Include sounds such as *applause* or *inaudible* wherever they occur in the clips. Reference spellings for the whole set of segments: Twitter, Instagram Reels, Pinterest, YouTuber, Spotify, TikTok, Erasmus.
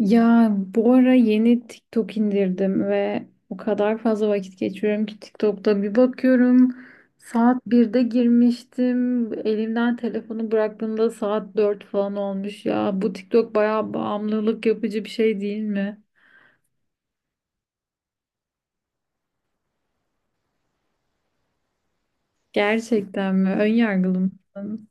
Ya bu ara yeni TikTok indirdim ve o kadar fazla vakit geçiriyorum ki TikTok'ta bir bakıyorum saat 1'de girmiştim, elimden telefonu bıraktığımda saat 4 falan olmuş. Ya bu TikTok bayağı bağımlılık yapıcı bir şey, değil mi? Gerçekten mi? Ön yargılı mısın?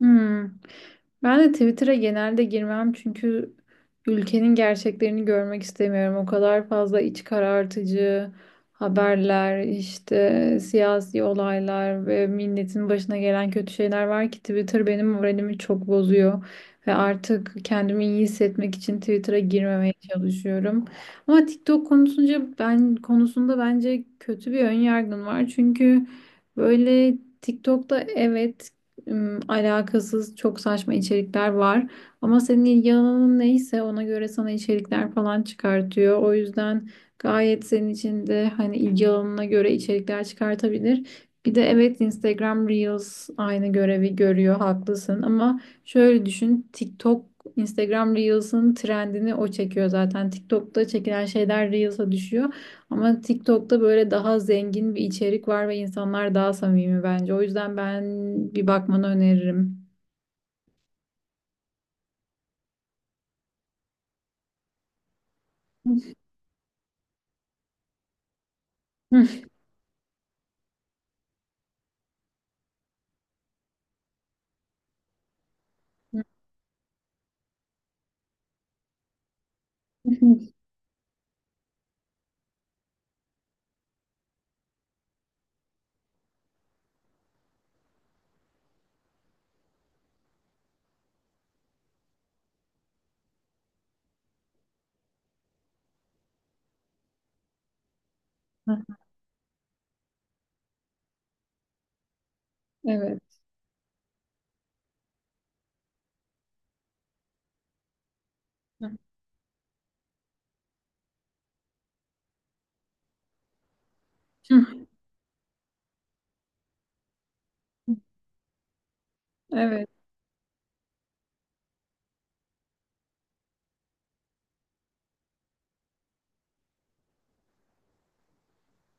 Hmm. Ben de Twitter'a genelde girmem çünkü ülkenin gerçeklerini görmek istemiyorum. O kadar fazla iç karartıcı haberler, işte siyasi olaylar ve milletin başına gelen kötü şeyler var ki Twitter benim moralimi çok bozuyor ve artık kendimi iyi hissetmek için Twitter'a girmemeye çalışıyorum. Ama TikTok konusunca ben konusunda bence kötü bir ön yargım var. Çünkü böyle TikTok'ta evet, alakasız çok saçma içerikler var. Ama senin ilgi alanın neyse ona göre sana içerikler falan çıkartıyor. O yüzden gayet senin için de hani ilgi alanına göre içerikler çıkartabilir. Bir de evet, Instagram Reels aynı görevi görüyor, haklısın, ama şöyle düşün, TikTok Instagram Reels'ın trendini o çekiyor zaten. TikTok'ta çekilen şeyler Reels'a düşüyor. Ama TikTok'ta böyle daha zengin bir içerik var ve insanlar daha samimi bence. O yüzden ben bir bakmanı öneririm. *laughs* Evet. *laughs* Evet.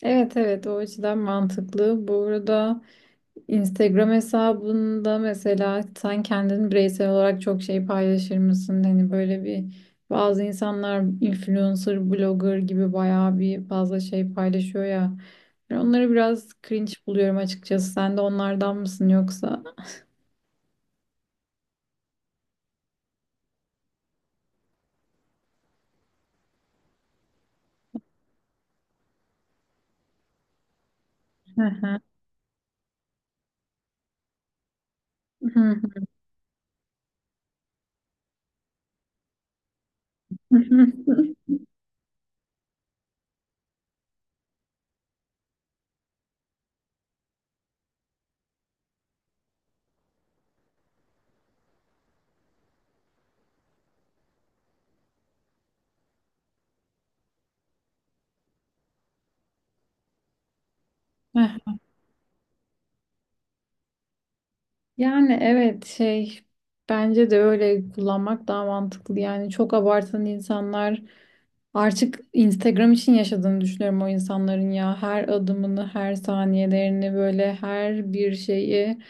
Evet evet, o açıdan mantıklı. Bu arada Instagram hesabında mesela sen kendin bireysel olarak çok şey paylaşır mısın? Hani böyle bazı insanlar influencer, blogger gibi bayağı bir fazla şey paylaşıyor ya. Ben onları biraz cringe buluyorum açıkçası. Sen de onlardan mısın yoksa? Hı hı. Hı hı. *laughs* Yani evet, şey, bence de öyle kullanmak daha mantıklı. Yani çok abartan insanlar artık Instagram için yaşadığını düşünüyorum o insanların ya. Her adımını, her saniyelerini böyle her bir şeyi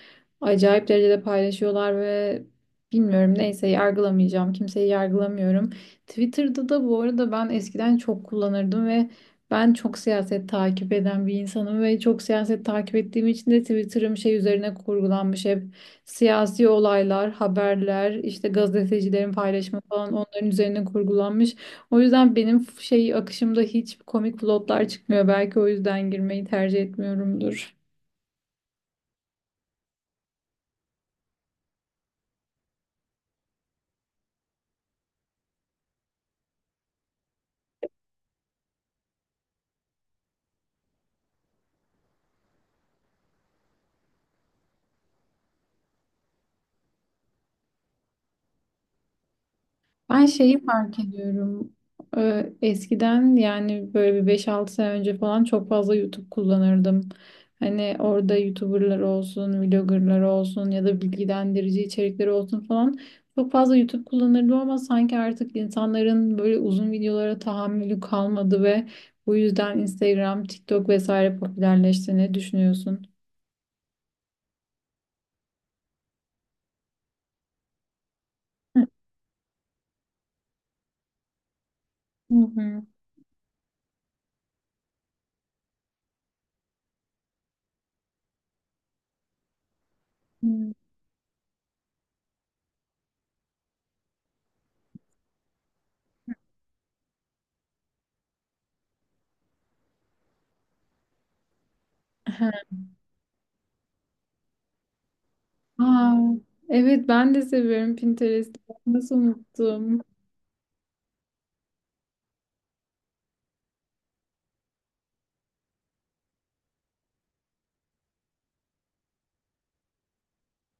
acayip derecede paylaşıyorlar ve bilmiyorum, neyse, yargılamayacağım. Kimseyi yargılamıyorum. Twitter'da da bu arada ben eskiden çok kullanırdım ve ben çok siyaset takip eden bir insanım ve çok siyaset takip ettiğim için de Twitter'ım şey üzerine kurgulanmış hep. Siyasi olaylar, haberler, işte gazetecilerin paylaşımı falan, onların üzerine kurgulanmış. O yüzden benim şey akışımda hiç komik plotlar çıkmıyor. Belki o yüzden girmeyi tercih etmiyorumdur. Ben şeyi fark ediyorum. Eskiden yani böyle bir 5 6 sene önce falan çok fazla YouTube kullanırdım. Hani orada YouTuber'lar olsun, vlogger'lar olsun ya da bilgilendirici içerikleri olsun falan. Çok fazla YouTube kullanırdım ama sanki artık insanların böyle uzun videolara tahammülü kalmadı ve bu yüzden Instagram, TikTok vesaire popülerleşti. Ne düşünüyorsun? Hı hı. Hı. Aa, evet, ben de seviyorum Pinterest'i. Nasıl unuttum?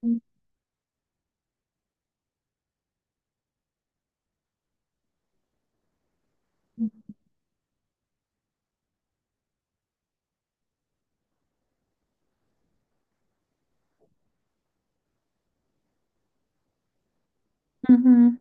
Hı hı.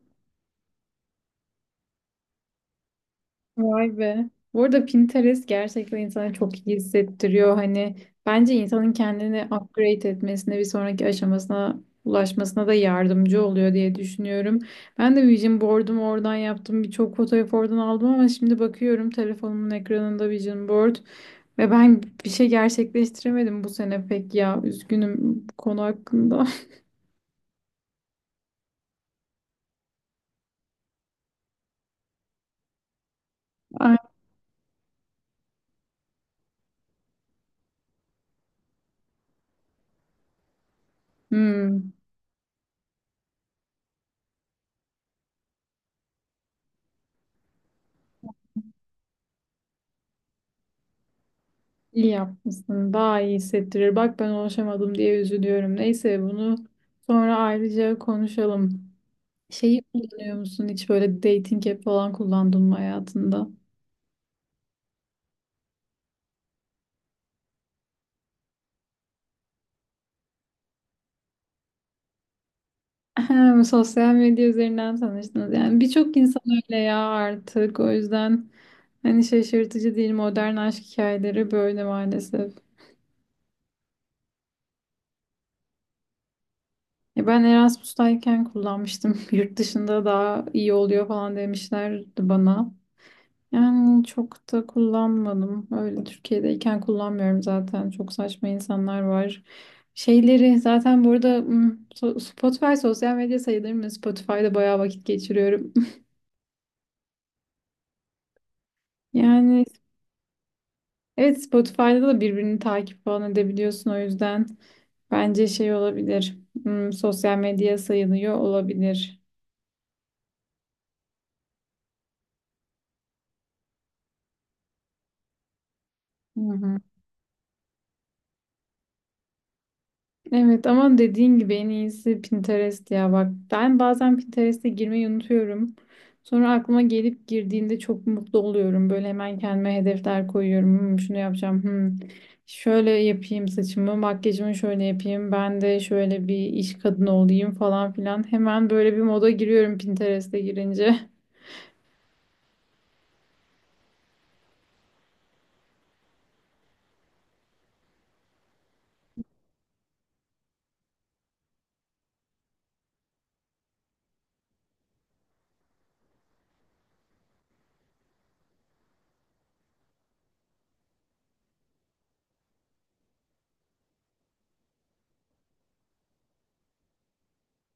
Vay be. Bu arada Pinterest gerçekten insana çok iyi hissettiriyor. Hani bence insanın kendini upgrade etmesine, bir sonraki aşamasına ulaşmasına da yardımcı oluyor diye düşünüyorum. Ben de vision board'umu oradan yaptım. Birçok fotoğraf oradan aldım ama şimdi bakıyorum telefonumun ekranında vision board ve ben bir şey gerçekleştiremedim bu sene pek ya. Üzgünüm bu konu hakkında. *laughs* Ay. Hmm. İyi yapmışsın. Daha iyi hissettirir. Bak ben ulaşamadım diye üzülüyorum. Neyse, bunu sonra ayrıca konuşalım. Şeyi kullanıyor musun? Hiç böyle dating app falan kullandın mı hayatında? *laughs* Sosyal medya üzerinden tanıştınız. Yani birçok insan öyle ya artık. O yüzden hani şaşırtıcı değil, modern aşk hikayeleri böyle maalesef. Ya ben Erasmus'tayken kullanmıştım. *laughs* Yurt dışında daha iyi oluyor falan demişlerdi bana. Yani çok da kullanmadım. Öyle Türkiye'deyken kullanmıyorum zaten. Çok saçma insanlar var. Şeyleri zaten burada Spotify sosyal medya sayılır mı? Spotify'da bayağı vakit geçiriyorum. *laughs* Yani evet, Spotify'da da birbirini takip falan edebiliyorsun, o yüzden bence şey olabilir. Sosyal medya sayılıyor olabilir. Hı hı. Evet ama dediğin gibi en iyisi Pinterest ya, bak ben bazen Pinterest'e girmeyi unutuyorum. Sonra aklıma gelip girdiğinde çok mutlu oluyorum. Böyle hemen kendime hedefler koyuyorum. Şunu yapacağım. Şöyle yapayım saçımı, makyajımı şöyle yapayım. Ben de şöyle bir iş kadını olayım falan filan. Hemen böyle bir moda giriyorum Pinterest'e girince. *laughs*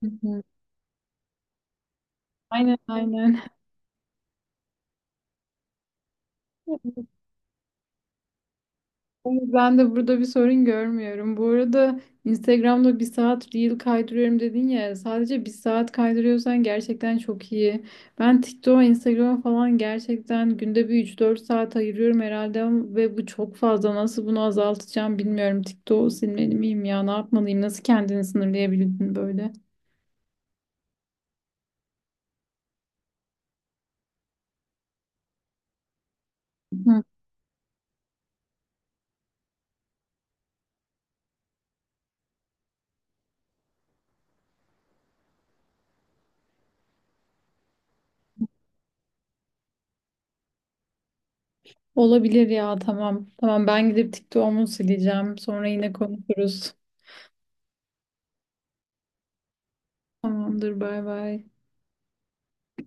Hı hı. Aynen aynen. Ben de burada bir sorun görmüyorum. Bu arada Instagram'da 1 saat reel kaydırıyorum dedin ya. Sadece 1 saat kaydırıyorsan gerçekten çok iyi. Ben TikTok'a, Instagram'a falan gerçekten günde bir 3 4 saat ayırıyorum herhalde ve bu çok fazla. Nasıl bunu azaltacağım bilmiyorum. TikTok'u silmeli miyim ya? Ne yapmalıyım? Nasıl kendini sınırlayabildin böyle? Hı. Olabilir ya, tamam. Tamam, ben gidip TikTok'umu sileceğim. Sonra yine konuşuruz. Tamamdır, bay bay.